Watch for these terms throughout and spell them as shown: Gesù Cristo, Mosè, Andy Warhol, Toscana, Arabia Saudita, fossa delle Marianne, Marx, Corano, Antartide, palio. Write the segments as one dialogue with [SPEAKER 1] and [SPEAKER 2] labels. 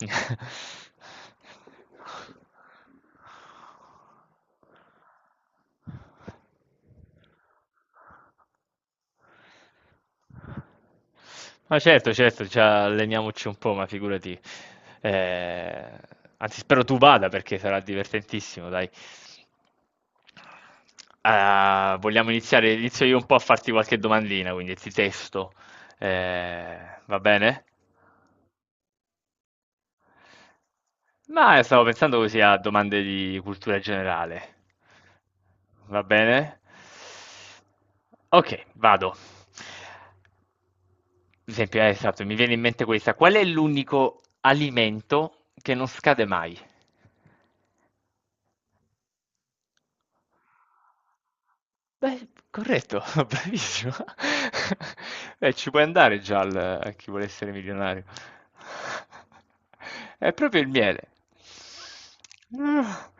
[SPEAKER 1] Ma certo, certo, ci alleniamoci un po', ma figurati. Eh, anzi, spero tu vada perché sarà divertentissimo, dai. Ah, vogliamo iniziare? Inizio io un po' a farti qualche domandina, quindi ti testo. Eh, va bene? Ma stavo pensando così a domande di cultura generale. Va bene? Ok, vado. Per esempio, esatto, mi viene in mente questa. Qual è l'unico alimento che non scade mai? Beh, corretto, bravissimo. Beh, ci puoi andare già a chi vuole essere milionario. È proprio il miele. Ah.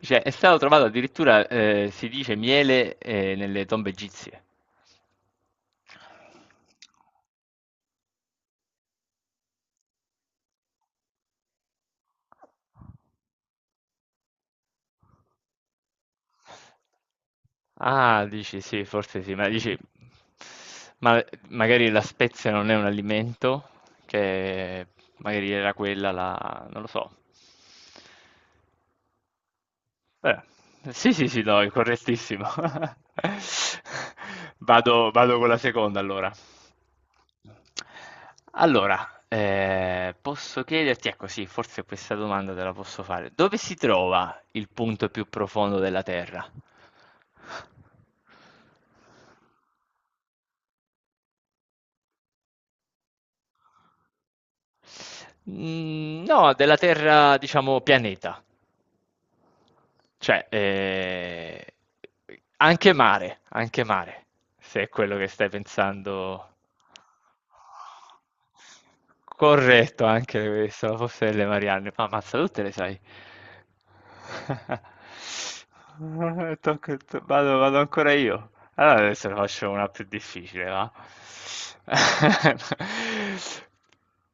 [SPEAKER 1] Cioè, è stato trovato addirittura, si dice, miele, nelle tombe egizie. Ah, dici sì, forse sì, ma magari la spezia non è un alimento, che magari era quella la, non lo so. Beh, sì, sì, sì, no, è correttissimo. Vado con la seconda allora. Allora, posso chiederti, ecco sì, forse questa domanda te la posso fare. Dove si trova il punto più profondo della Terra? Mhmm, no, della terra diciamo pianeta, cioè, anche mare, se è quello che stai pensando. Corretto, anche questo, la fossa delle Marianne. Ma ammazza, tutte le sai. Tocca a te. Vado ancora io. Allora adesso ne faccio una più difficile, va?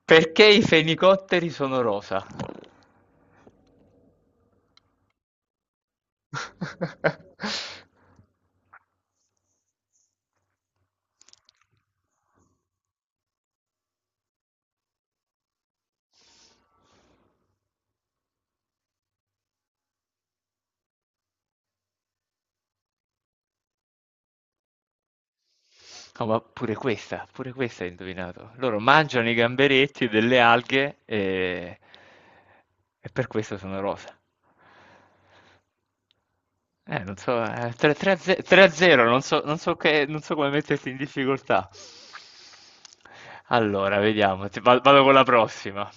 [SPEAKER 1] Perché i fenicotteri sono rosa? No, ma pure questa hai indovinato. Loro mangiano i gamberetti delle alghe e per questo sono rosa. Non so, 3 a 0, non so, non so come metterti in difficoltà. Allora, vediamo, vado con la prossima.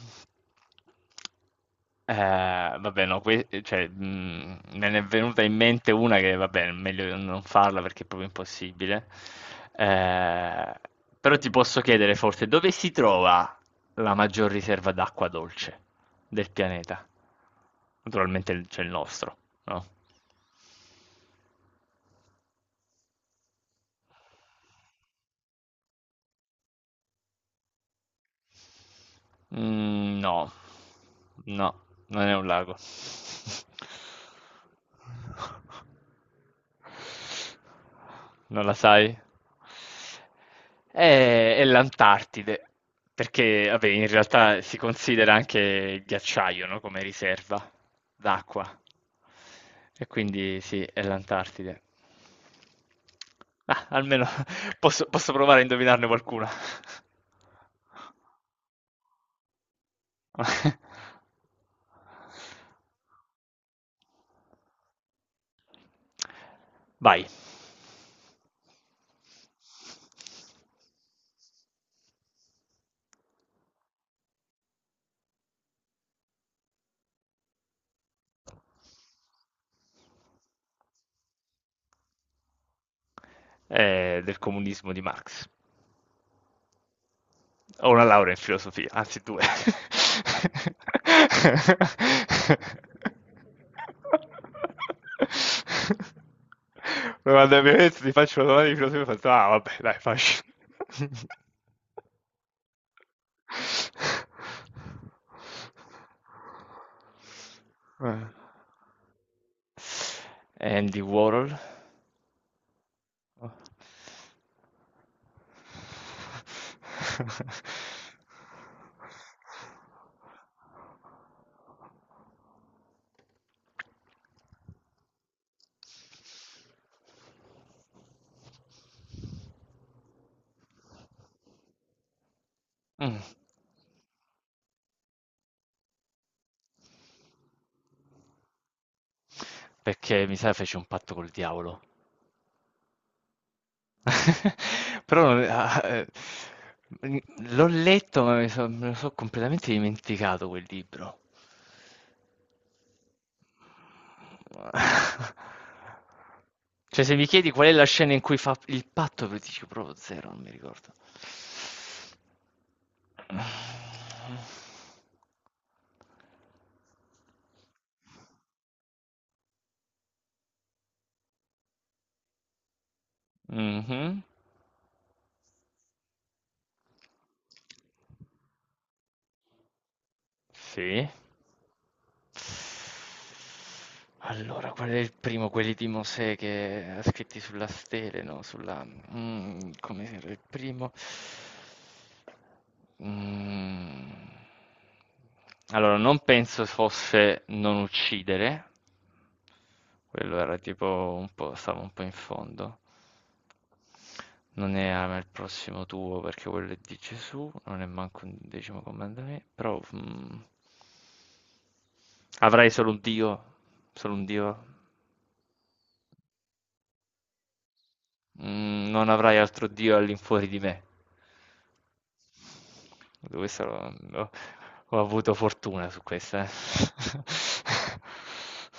[SPEAKER 1] Vabbè, no, cioè, me ne è venuta in mente una che, vabbè, è meglio non farla perché è proprio impossibile. Eh, però ti posso chiedere forse dove si trova la maggior riserva d'acqua dolce del pianeta? Naturalmente c'è il nostro, no? Mm, no, no, non è un lago. Non la sai? È l'Antartide, perché vabbè, in realtà si considera anche il ghiacciaio, no, come riserva d'acqua. E quindi sì, è l'Antartide. Ah, almeno posso provare a indovinarne qualcuna. Vai. Del comunismo di Marx. Ho una laurea in filosofia, anzi due. Ma quando Mi manda il mio pezzo, ti faccio una domanda di filosofia, faccio, ah vabbè, dai, faccio. Eh, Andy Warhol. Mm. Perché mi sa fece un patto col diavolo. Però non- ah, mhmm, l'ho letto, ma mi so me lo so' completamente dimenticato quel libro. Cioè, se mi chiedi qual è la scena in cui fa il patto, ti dico proprio zero, non mi ricordo. Mh-mh. Sì. Allora, qual è il primo? Quelli di Mosè che scritti sulla stele, no? Come era il primo? Mm. Allora, non penso fosse non uccidere, quello era tipo un po', stavo un po' in fondo. Non è ama il prossimo tuo perché quello è di Gesù, non è manco un decimo comandamento, però... mm. Avrai solo un Dio, solo un Dio. Mm, non avrai altro Dio all'infuori di me. Questa ho avuto fortuna su questa. Eh.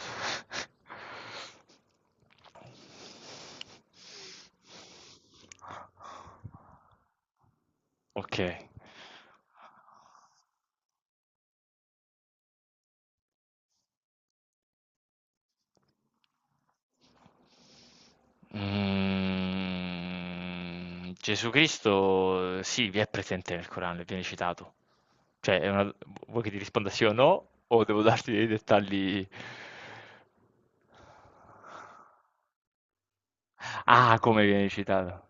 [SPEAKER 1] Ok. Mm, Gesù Cristo, sì, vi è presente nel Corano, viene citato. Cioè, vuoi che ti risponda sì o no? O devo darti dei dettagli? Ah, come viene citato?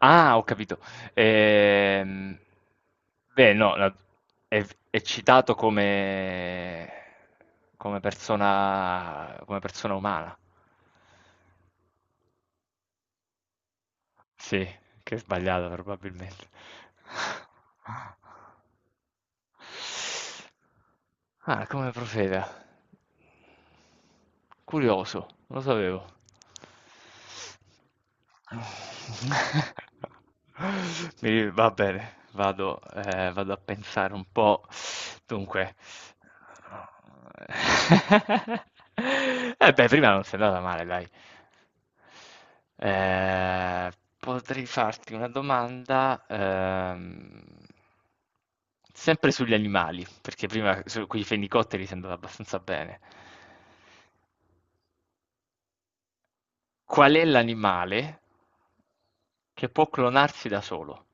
[SPEAKER 1] Ah, ho capito. Ehm, beh, no, è, è citato come persona, umana. Sì, che è sbagliata probabilmente. Ah, come profeta. Curioso, non lo sapevo. Va bene, vado a pensare un po'. Dunque, eh beh, prima non sei andata male, dai. Eh, potrei farti una domanda, sempre sugli animali, perché prima con i fenicotteri sei andata abbastanza bene. Qual è l'animale che può clonarsi da solo?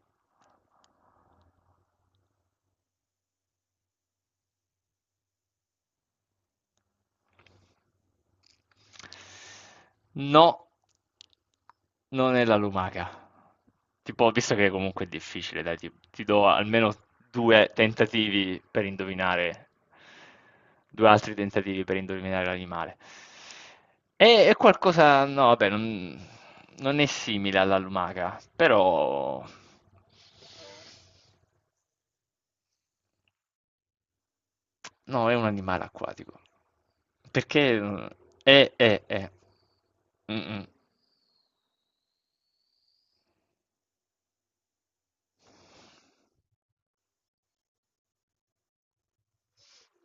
[SPEAKER 1] No, non è la lumaca. Tipo, visto che comunque è difficile, dai, ti do almeno due tentativi per indovinare, due altri tentativi per indovinare l'animale. È qualcosa, no, vabbè, non è simile alla lumaca, però. No, è un animale acquatico. Perché. È, è. Mm, mm.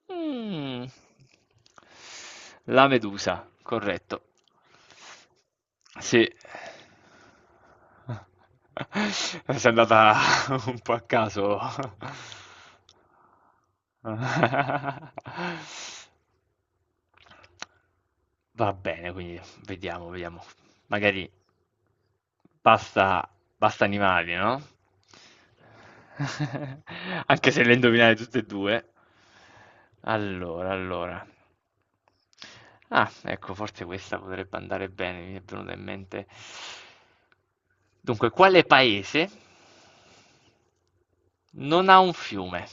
[SPEAKER 1] Mm. La Medusa, corretto. Sì. Sei andata un po' a caso. Va bene, quindi vediamo. Magari. Basta basta animali, no? Anche se le indovinate tutte e due. Allora, allora. Ah, ecco, forse questa potrebbe andare bene, mi è venuta in mente. Dunque, quale paese non ha un fiume?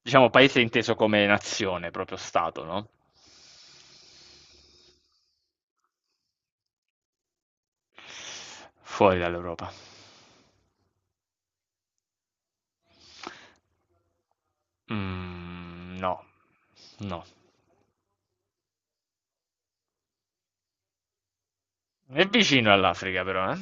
[SPEAKER 1] Diciamo paese inteso come nazione, proprio stato, no? Fuori dall'Europa. Mm, no, no. È vicino all'Africa, però, eh?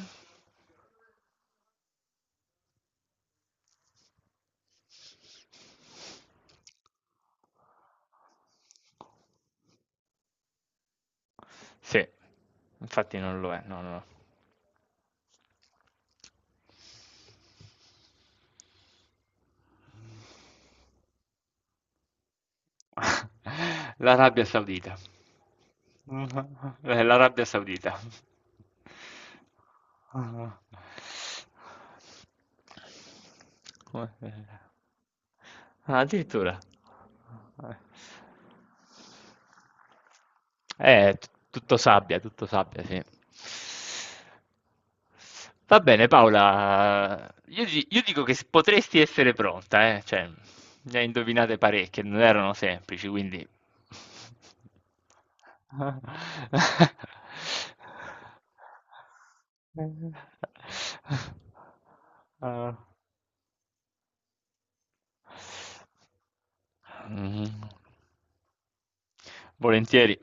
[SPEAKER 1] Sì, infatti non lo è, no, no. L'Arabia Saudita. L'Arabia Saudita. Ah. Come- Ah, addirittura. Eh. Tutto sabbia, tutto sabbia, sì. Va bene, Paola, io dico che potresti essere pronta, eh? Cioè, ne hai indovinate parecchie, non erano semplici, quindi. Ah. Mhm. Volentieri.